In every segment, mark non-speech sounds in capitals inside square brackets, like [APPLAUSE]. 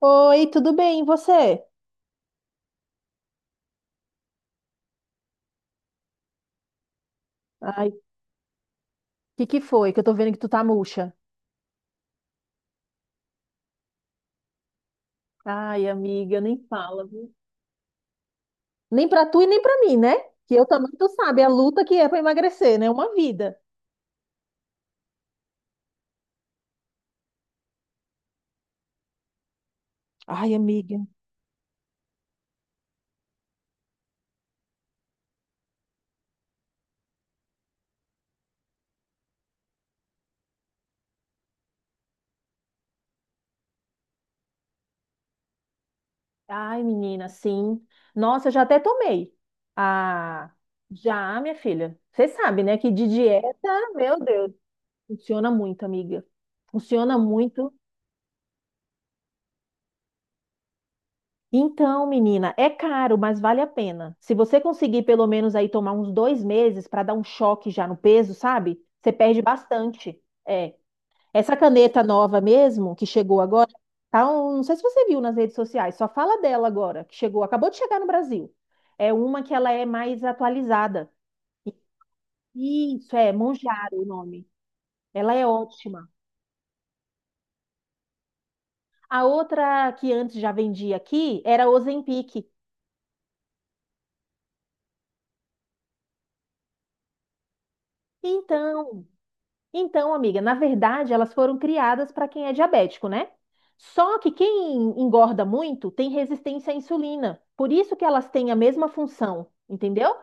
Oi, tudo bem, e você? Ai, o que que foi? Que eu tô vendo que tu tá murcha. Ai, amiga, nem fala, viu? Nem pra tu e nem pra mim, né? Que eu também, tu sabe, a luta que é pra emagrecer, né? Uma vida. Ai, amiga. Ai, menina, sim. Nossa, eu já até tomei. Ah, já, minha filha. Você sabe, né, que de dieta, meu Deus, funciona muito, amiga. Funciona muito. Então, menina, é caro, mas vale a pena. Se você conseguir pelo menos aí tomar uns 2 meses para dar um choque já no peso, sabe? Você perde bastante. É. Essa caneta nova mesmo, que chegou agora, não sei se você viu nas redes sociais, só fala dela agora, que chegou, acabou de chegar no Brasil. É uma que ela é mais atualizada. Isso, é Monjaro o nome. Ela é ótima. A outra que antes já vendia aqui era Ozempic. Então, amiga, na verdade, elas foram criadas para quem é diabético, né? Só que quem engorda muito tem resistência à insulina. Por isso que elas têm a mesma função, entendeu?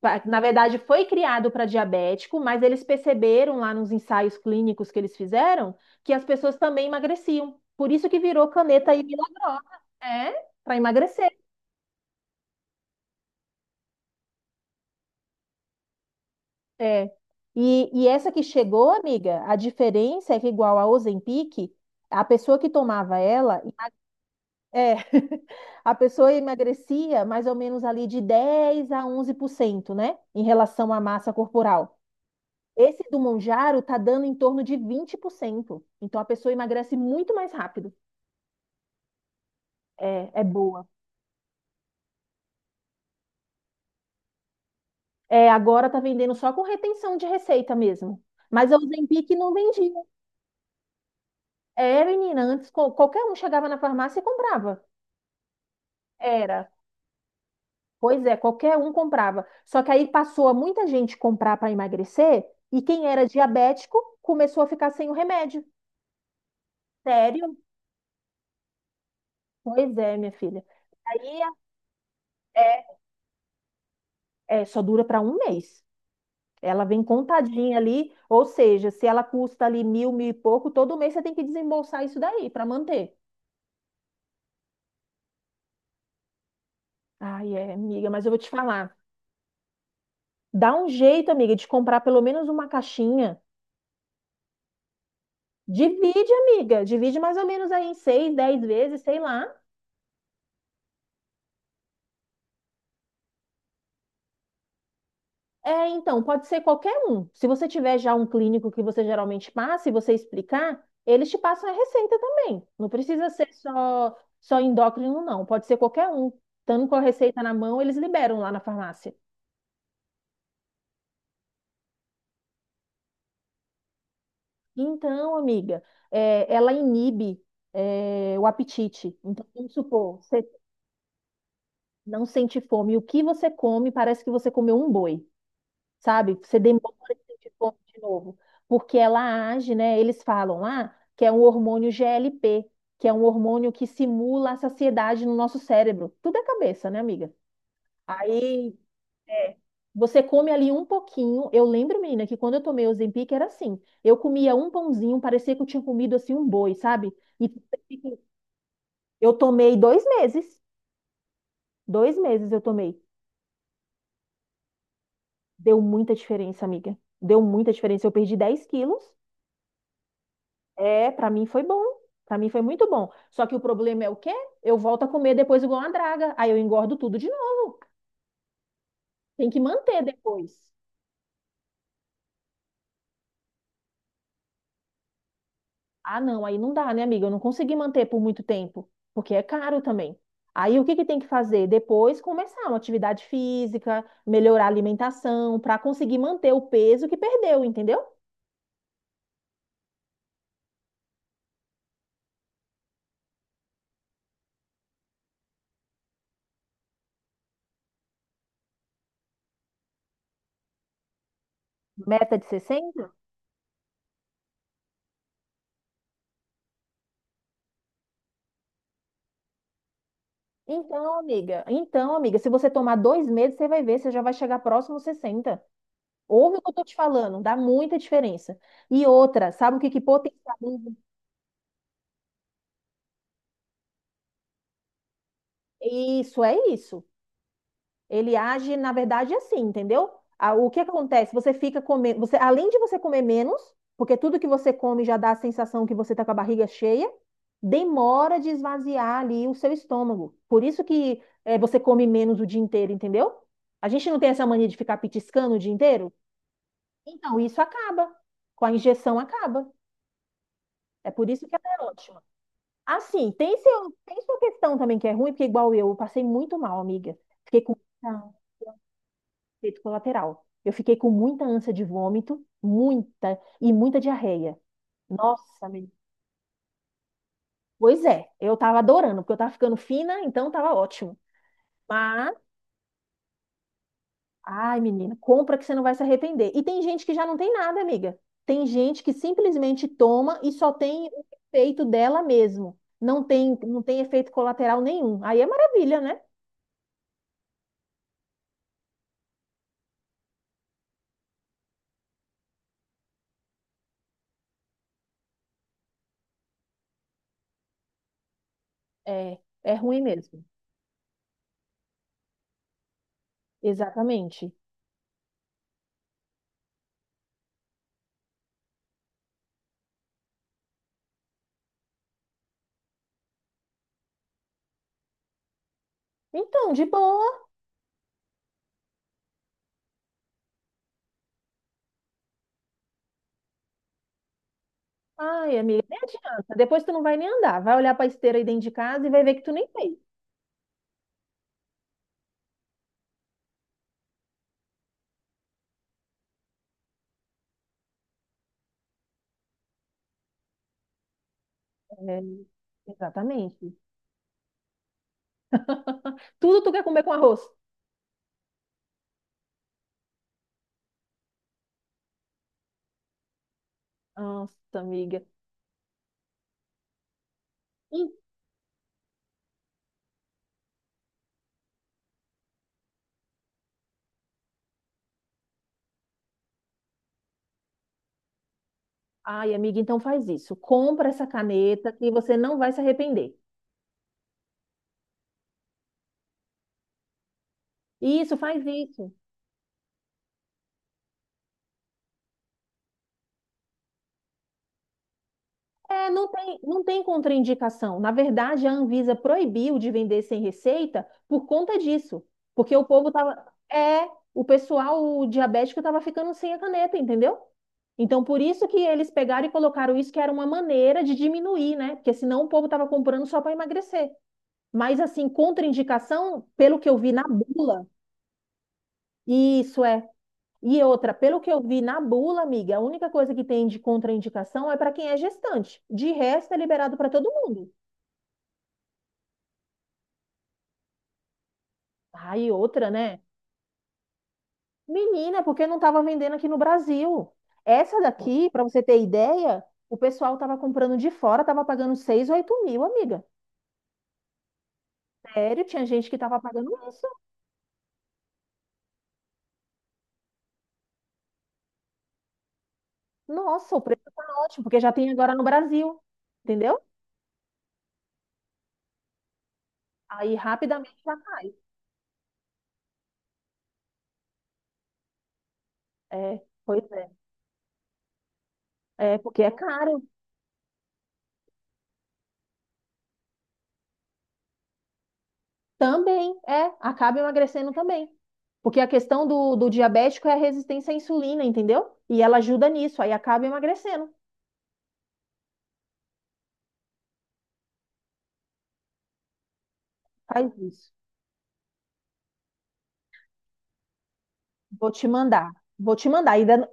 Na verdade, foi criado para diabético, mas eles perceberam lá nos ensaios clínicos que eles fizeram que as pessoas também emagreciam. Por isso que virou caneta aí milagrosa, é, para emagrecer. É. E essa que chegou, amiga, a diferença é que igual a Ozempic, a pessoa que tomava ela É, [LAUGHS] a pessoa emagrecia mais ou menos ali de 10 a 11%, né? Em relação à massa corporal. Esse do Monjaro tá dando em torno de 20%. Então a pessoa emagrece muito mais rápido. É, é boa. É, agora tá vendendo só com retenção de receita mesmo. Mas a Ozempic não vendia. É, menina, qualquer um chegava na farmácia e comprava. Era. Pois é, qualquer um comprava. Só que aí passou a muita gente comprar para emagrecer e quem era diabético começou a ficar sem o remédio. Sério? Pois é, minha filha. Aí é, só dura para um mês. Ela vem contadinha ali, ou seja, se ela custa ali mil, mil e pouco, todo mês você tem que desembolsar isso daí para manter. Ai, é, amiga, mas eu vou te falar. Dá um jeito, amiga, de comprar pelo menos uma caixinha. Divide, amiga. Divide mais ou menos aí em seis, dez vezes, sei lá. É, então, pode ser qualquer um. Se você tiver já um clínico que você geralmente passa e você explicar, eles te passam a receita também. Não precisa ser só endócrino, não. Pode ser qualquer um. Estando com a receita na mão, eles liberam lá na farmácia. Então, amiga, é, ela inibe, é, o apetite. Então, vamos supor, você não sente fome. O que você come parece que você comeu um boi. Sabe? Você demora a sentir fome de novo, porque ela age, né? Eles falam lá que é um hormônio GLP, que é um hormônio que simula a saciedade no nosso cérebro. Tudo é cabeça, né, amiga? Aí é, você come ali um pouquinho. Eu lembro, menina, que quando eu tomei o Ozempic era assim. Eu comia um pãozinho, parecia que eu tinha comido assim um boi, sabe? E eu tomei 2 meses. Dois meses eu tomei. Deu muita diferença, amiga. Deu muita diferença. Eu perdi 10 quilos. É, para mim foi bom. Para mim foi muito bom. Só que o problema é o quê? Eu volto a comer depois igual uma draga. Aí eu engordo tudo de novo. Tem que manter depois. Ah, não, aí não dá, né, amiga? Eu não consegui manter por muito tempo, porque é caro também. Aí o que que tem que fazer? Depois começar uma atividade física, melhorar a alimentação, para conseguir manter o peso que perdeu, entendeu? Meta de 60? Então, amiga, se você tomar 2 meses, você vai ver, você já vai chegar próximo aos 60. Ouve o que eu tô te falando, dá muita diferença. E outra, sabe o que que potencializa? Isso, é isso. Ele age, na verdade, assim, entendeu? Ah, o que que acontece? Você fica comendo, você, além de você comer menos, porque tudo que você come já dá a sensação que você tá com a barriga cheia, demora de esvaziar ali o seu estômago. Por isso que você come menos o dia inteiro, entendeu? A gente não tem essa mania de ficar petiscando o dia inteiro? Então, isso acaba. Com a injeção acaba. É por isso que ela é ótima. Assim, tem sua questão também que é ruim, porque igual eu passei muito mal, amiga. Fiquei com muita- efeito colateral. Eu fiquei com muita ânsia de vômito, muita, e muita diarreia. Nossa, menina. Pois é, eu tava adorando, porque eu tava ficando fina, então tava ótimo. Mas ai, menina, compra que você não vai se arrepender. E tem gente que já não tem nada, amiga. Tem gente que simplesmente toma e só tem o efeito dela mesmo. Não tem efeito colateral nenhum. Aí é maravilha, né? É, é ruim mesmo. Exatamente. Então, de boa. Ai, amiga, nem adianta. Depois tu não vai nem andar. Vai olhar pra esteira aí dentro de casa e vai ver que tu nem fez. É, exatamente. [LAUGHS] Tudo tu quer comer com arroz. Nossa, amiga. Ai, amiga, então faz isso. Compra essa caneta que você não vai se arrepender. Isso, faz isso. É, não tem contraindicação. Na verdade, a Anvisa proibiu de vender sem receita por conta disso. Porque o povo tava. É, o diabético tava ficando sem a caneta, entendeu? Então, por isso que eles pegaram e colocaram isso, que era uma maneira de diminuir, né? Porque senão o povo tava comprando só para emagrecer. Mas, assim, contraindicação, pelo que eu vi na bula, isso é. E outra, pelo que eu vi na bula, amiga, a única coisa que tem de contraindicação é para quem é gestante. De resto, é liberado para todo mundo. Aí outra, né? Menina, porque não estava vendendo aqui no Brasil. Essa daqui, para você ter ideia, o pessoal estava comprando de fora, estava pagando 6, 8 mil, amiga. Sério, tinha gente que estava pagando isso. Nossa, o preço tá ótimo, porque já tem agora no Brasil. Entendeu? Aí rapidamente já. Tá. É, pois é. É, porque é caro. Também, é, acaba emagrecendo também. Porque a questão do diabético é a resistência à insulina, entendeu? E ela ajuda nisso, aí acaba emagrecendo. Faz isso. Vou te mandar. Vou te mandar. Ainda não-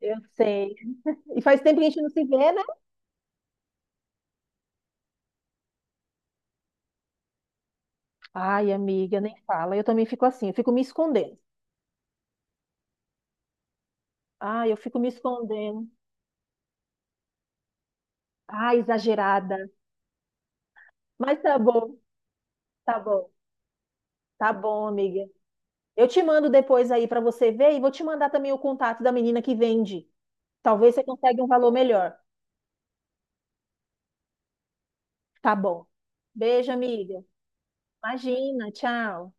eu sei. E faz tempo que a gente não se vê, né? Ai, amiga, nem fala. Eu também fico assim, eu fico me escondendo. Ai, eu fico me escondendo. Ai, exagerada. Mas tá bom, tá bom. Tá bom, amiga. Eu te mando depois aí pra você ver e vou te mandar também o contato da menina que vende. Talvez você consiga um valor melhor. Tá bom. Beijo, amiga. Imagina, tchau.